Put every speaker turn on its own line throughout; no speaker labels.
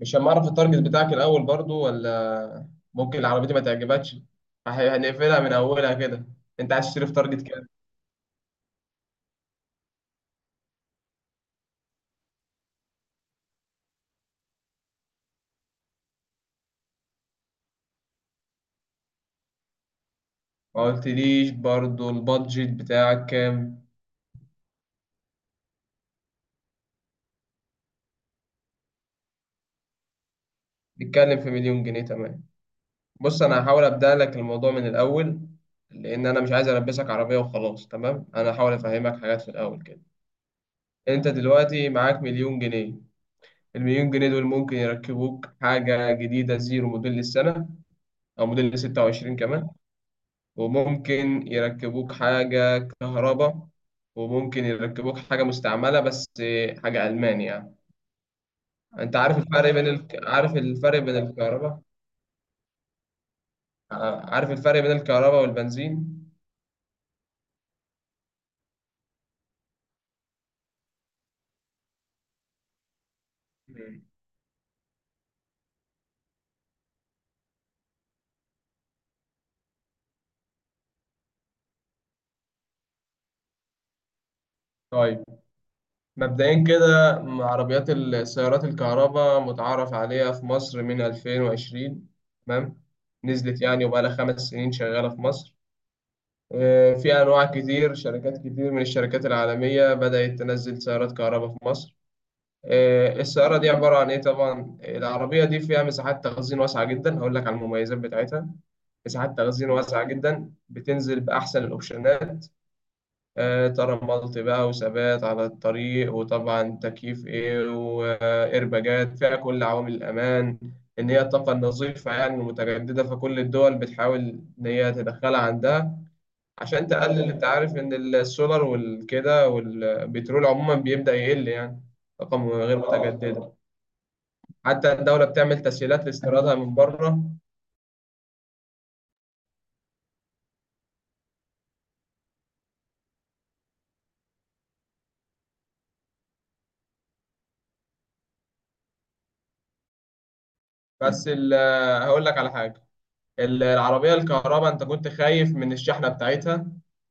مش هنعرف التارجت بتاعك الأول برضو، ولا ممكن العربية دي ما تعجبكش هنقفلها من أولها كده. أنت عايز تشتري في تارجت كام؟ ما قلتليش برضو البادجت بتاعك كام؟ نتكلم في مليون جنيه. تمام. بص، أنا هحاول أبدأ لك الموضوع من الأول، لأن أنا مش عايز ألبسك عربية وخلاص. تمام. أنا هحاول أفهمك حاجات في الأول كده. أنت دلوقتي معاك مليون جنيه. المليون جنيه دول ممكن يركبوك حاجة جديدة زيرو موديل السنة، أو موديل 26 كمان. وممكن يركبوك حاجة كهرباء، وممكن يركبوك حاجة مستعملة، بس حاجة ألماني يعني. أنت عارف الفرق بين عارف الفرق بين الكهرباء، عارف الفرق بين الكهرباء والبنزين؟ مم. طيب، مبدئيا كده، عربيات السيارات الكهرباء متعارف عليها في مصر من 2020. تمام. نزلت يعني، وبقالها 5 سنين شغالة في مصر. في أنواع كتير، شركات كتير من الشركات العالمية بدأت تنزل سيارات كهرباء في مصر. السيارة دي عبارة عن إيه طبعا؟ العربية دي فيها مساحات تخزين واسعة جدا، هقول لك على المميزات بتاعتها. مساحات تخزين واسعة جدا، بتنزل بأحسن الأوبشنات. ترملت بقى، وثبات على الطريق، وطبعا تكييف إيه، وإيرباجات، فيها كل عوامل الأمان. إن هي الطاقة النظيفة يعني المتجددة، فكل الدول بتحاول إن هي تدخلها عندها، عشان تقلل. أنت عارف إن السولار والكده والبترول عموما بيبدأ يقل يعني. طاقة غير متجددة. حتى الدولة بتعمل تسهيلات لاستيرادها من بره. بس هقول لك على حاجة. العربية الكهرباء، أنت كنت خايف من الشحنة بتاعتها،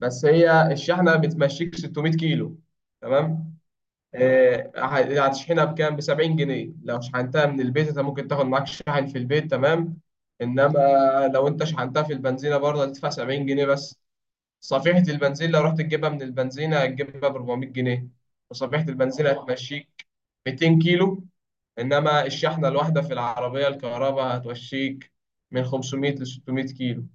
بس هي الشحنة بتمشيك 600 كيلو. تمام. هتشحنها بكام؟ ب 70 جنيه لو شحنتها من البيت. أنت ممكن تاخد معاك شاحن في البيت. تمام. إنما لو أنت شحنتها في البنزينة برضه هتدفع 70 جنيه بس. صفيحة البنزين لو رحت تجيبها من البنزينة هتجيبها ب 400 جنيه. وصفيحة البنزين هتمشيك 200 كيلو، إنما الشحنة الواحدة في العربية الكهرباء هتوشيك من 500 ل 600 كيلو.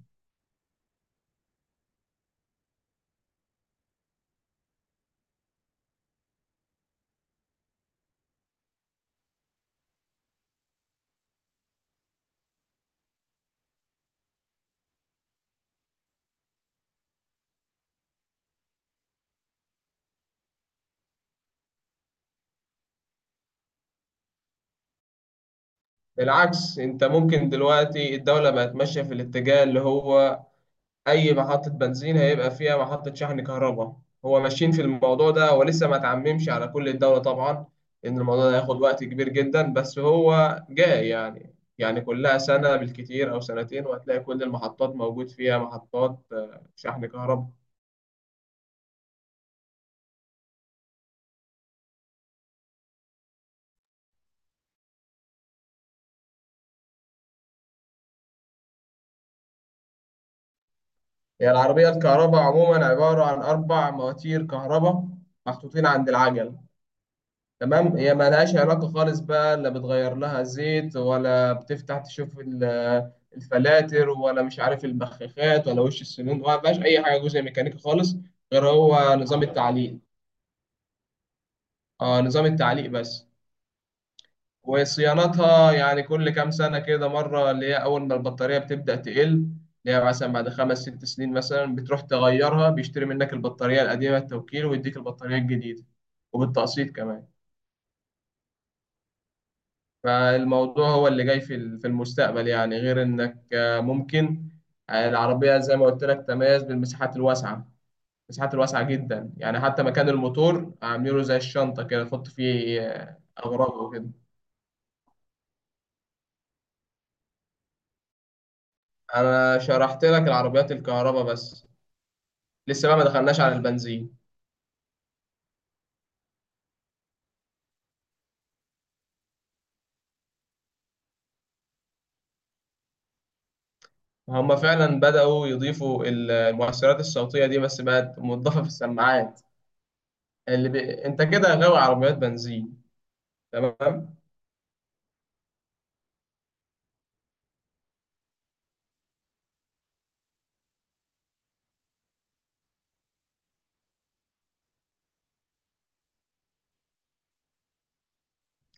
بالعكس، انت ممكن دلوقتي الدولة بقت ماشية في الاتجاه اللي هو أي محطة بنزين هيبقى فيها محطة شحن كهرباء. هو ماشيين في الموضوع ده، ولسه ما تعممش على كل الدولة طبعا. إن الموضوع ده هياخد وقت كبير جدا، بس هو جاي يعني كلها سنة بالكتير أو سنتين، وهتلاقي كل المحطات موجود فيها محطات شحن كهرباء. هي العربية الكهرباء عموما عبارة عن أربع مواتير كهرباء محطوطين عند العجل. تمام. هي ملهاش علاقة خالص بقى، لا بتغير لها زيت، ولا بتفتح تشوف الفلاتر، ولا مش عارف البخاخات، ولا وش السنون. ما فيهاش أي حاجة جزء ميكانيكي خالص، غير هو نظام التعليق. اه، نظام التعليق بس. وصيانتها يعني كل كام سنة كده مرة، اللي هي أول ما البطارية بتبدأ تقل، اللي هي مثلا بعد 5 6 سنين مثلا بتروح تغيرها، بيشتري منك البطارية القديمة التوكيل، ويديك البطارية الجديدة، وبالتقسيط كمان. فالموضوع هو اللي جاي في في المستقبل يعني، غير إنك ممكن، العربية زي ما قلت لك تميز بالمساحات الواسعة، المساحات الواسعة جدا يعني، حتى مكان الموتور عامله زي الشنطة كده، تحط فيه أغراض وكده. أنا شرحت لك العربيات الكهرباء بس، لسه بقى ما دخلناش على البنزين. هما فعلا بدأوا يضيفوا المؤثرات الصوتية دي، بس بقت مضافة في السماعات. انت كده غاوي عربيات بنزين. تمام.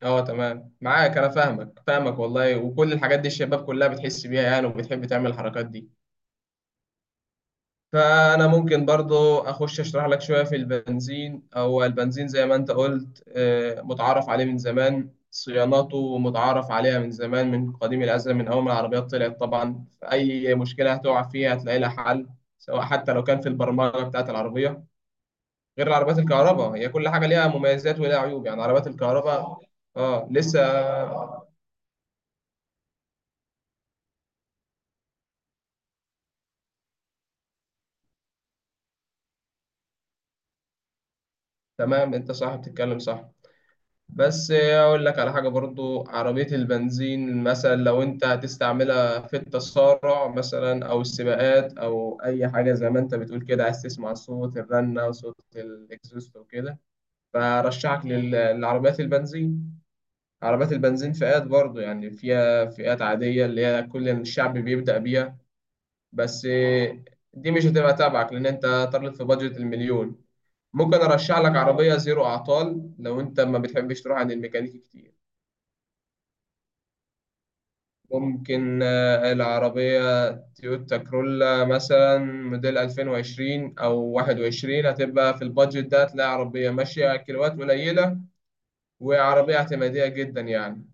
اه تمام، معاك، انا فاهمك، فاهمك والله، وكل الحاجات دي الشباب كلها بتحس بيها يعني، وبتحب تعمل الحركات دي. فأنا ممكن برضو أخش أشرح لك شوية في البنزين. هو البنزين زي ما أنت قلت متعارف عليه من زمان، صياناته متعارف عليها من زمان، من قديم الأزل، من أول ما العربيات طلعت طبعا. أي مشكلة هتقع فيها هتلاقي لها حل، سواء حتى لو كان في البرمجة بتاعة العربية. غير العربيات الكهرباء، هي كل حاجة ليها مميزات وليها عيوب يعني، عربيات الكهرباء. آه لسه. تمام. أنت صح، بتتكلم صح، بس اقول لك على حاجه برضو. عربيه البنزين مثلا لو انت هتستعملها في التسارع مثلا، او السباقات، او اي حاجه زي ما انت بتقول كده، عايز تسمع صوت الرنه وصوت الاكزوست وكده، فرشحك للعربيات البنزين. عربيات البنزين فئات برضو يعني، فيها فئات عاديه اللي هي كل الشعب بيبدا بيها، بس دي مش هتبقى تبعك، لان انت طالب في بادجت المليون. ممكن ارشح لك عربيه زيرو اعطال لو انت ما بتحبش تروح عند الميكانيكي كتير. ممكن العربية تويوتا كرولا مثلا موديل 2020 أو 21 هتبقى في البادجت ده، هتلاقي عربية ماشية كيلوات قليلة، وعربية اعتمادية جدا يعني.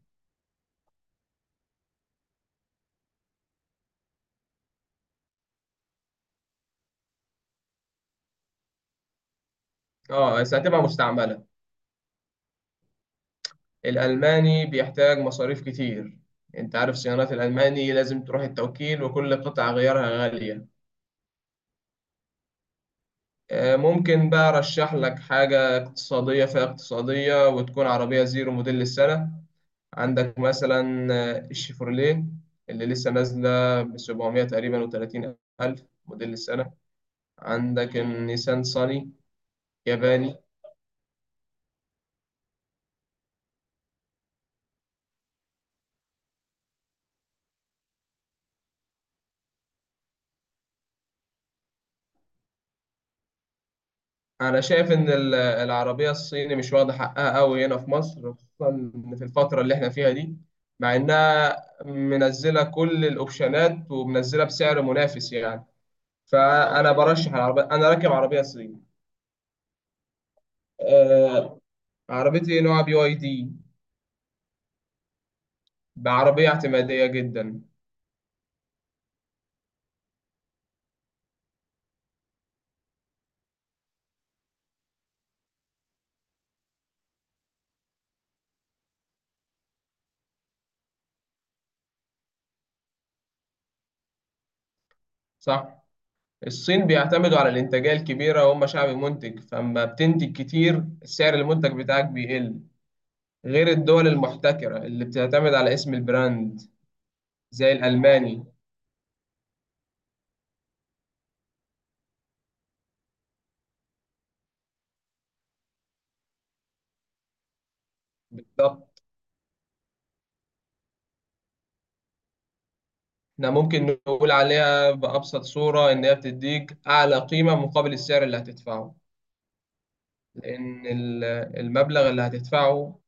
اه، بس هتبقى مستعملة. الألماني بيحتاج مصاريف كتير. انت عارف صيانات الألماني لازم تروح التوكيل، وكل قطعة غيارها غالية. ممكن بقى أرشح لك حاجة اقتصادية، فيها اقتصادية، وتكون عربية زيرو موديل السنة. عندك مثلا الشيفروليه اللي لسه نازلة ب 700 تقريبا و30 ألف موديل السنة. عندك النيسان صاني ياباني. أنا شايف إن العربية الصيني مش واخدة حقها أوي هنا في مصر، خصوصا في الفترة اللي إحنا فيها دي، مع إنها منزلة كل الأوبشنات، ومنزلة بسعر منافس يعني. فأنا برشح العربية. أنا راكب عربية صيني. آه، عربيتي نوع بي واي دي. بعربية اعتمادية جدا. صح. الصين بيعتمدوا على الإنتاجية الكبيرة، وهم شعب منتج، فأما بتنتج كتير سعر المنتج بتاعك بيقل، غير الدول المحتكرة اللي بتعتمد على اسم البراند، زي الألماني. بالضبط. احنا ممكن نقول عليها بأبسط صورة إن هي بتديك أعلى قيمة مقابل السعر اللي هتدفعه، لأن المبلغ اللي هتدفعه.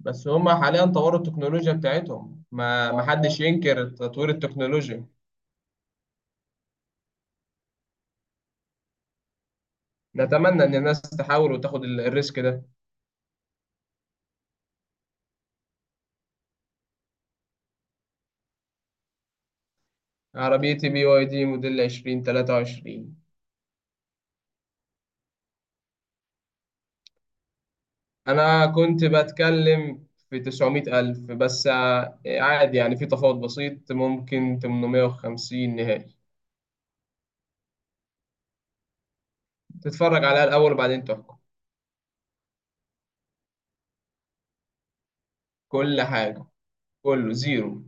بس هما حاليا طوروا التكنولوجيا بتاعتهم، ما محدش ينكر تطوير التكنولوجيا. نتمنى إن الناس تحاول وتاخد الريسك ده. عربيتي بي واي دي موديل 2023. أنا كنت بتكلم في 900 ألف، بس عادي يعني في تفاوض بسيط ممكن 850 نهائي. تتفرج عليها الأول وبعدين تحكم. كل حاجة كله زيرو.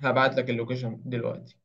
هبعت لك اللوكيشن دلوقتي.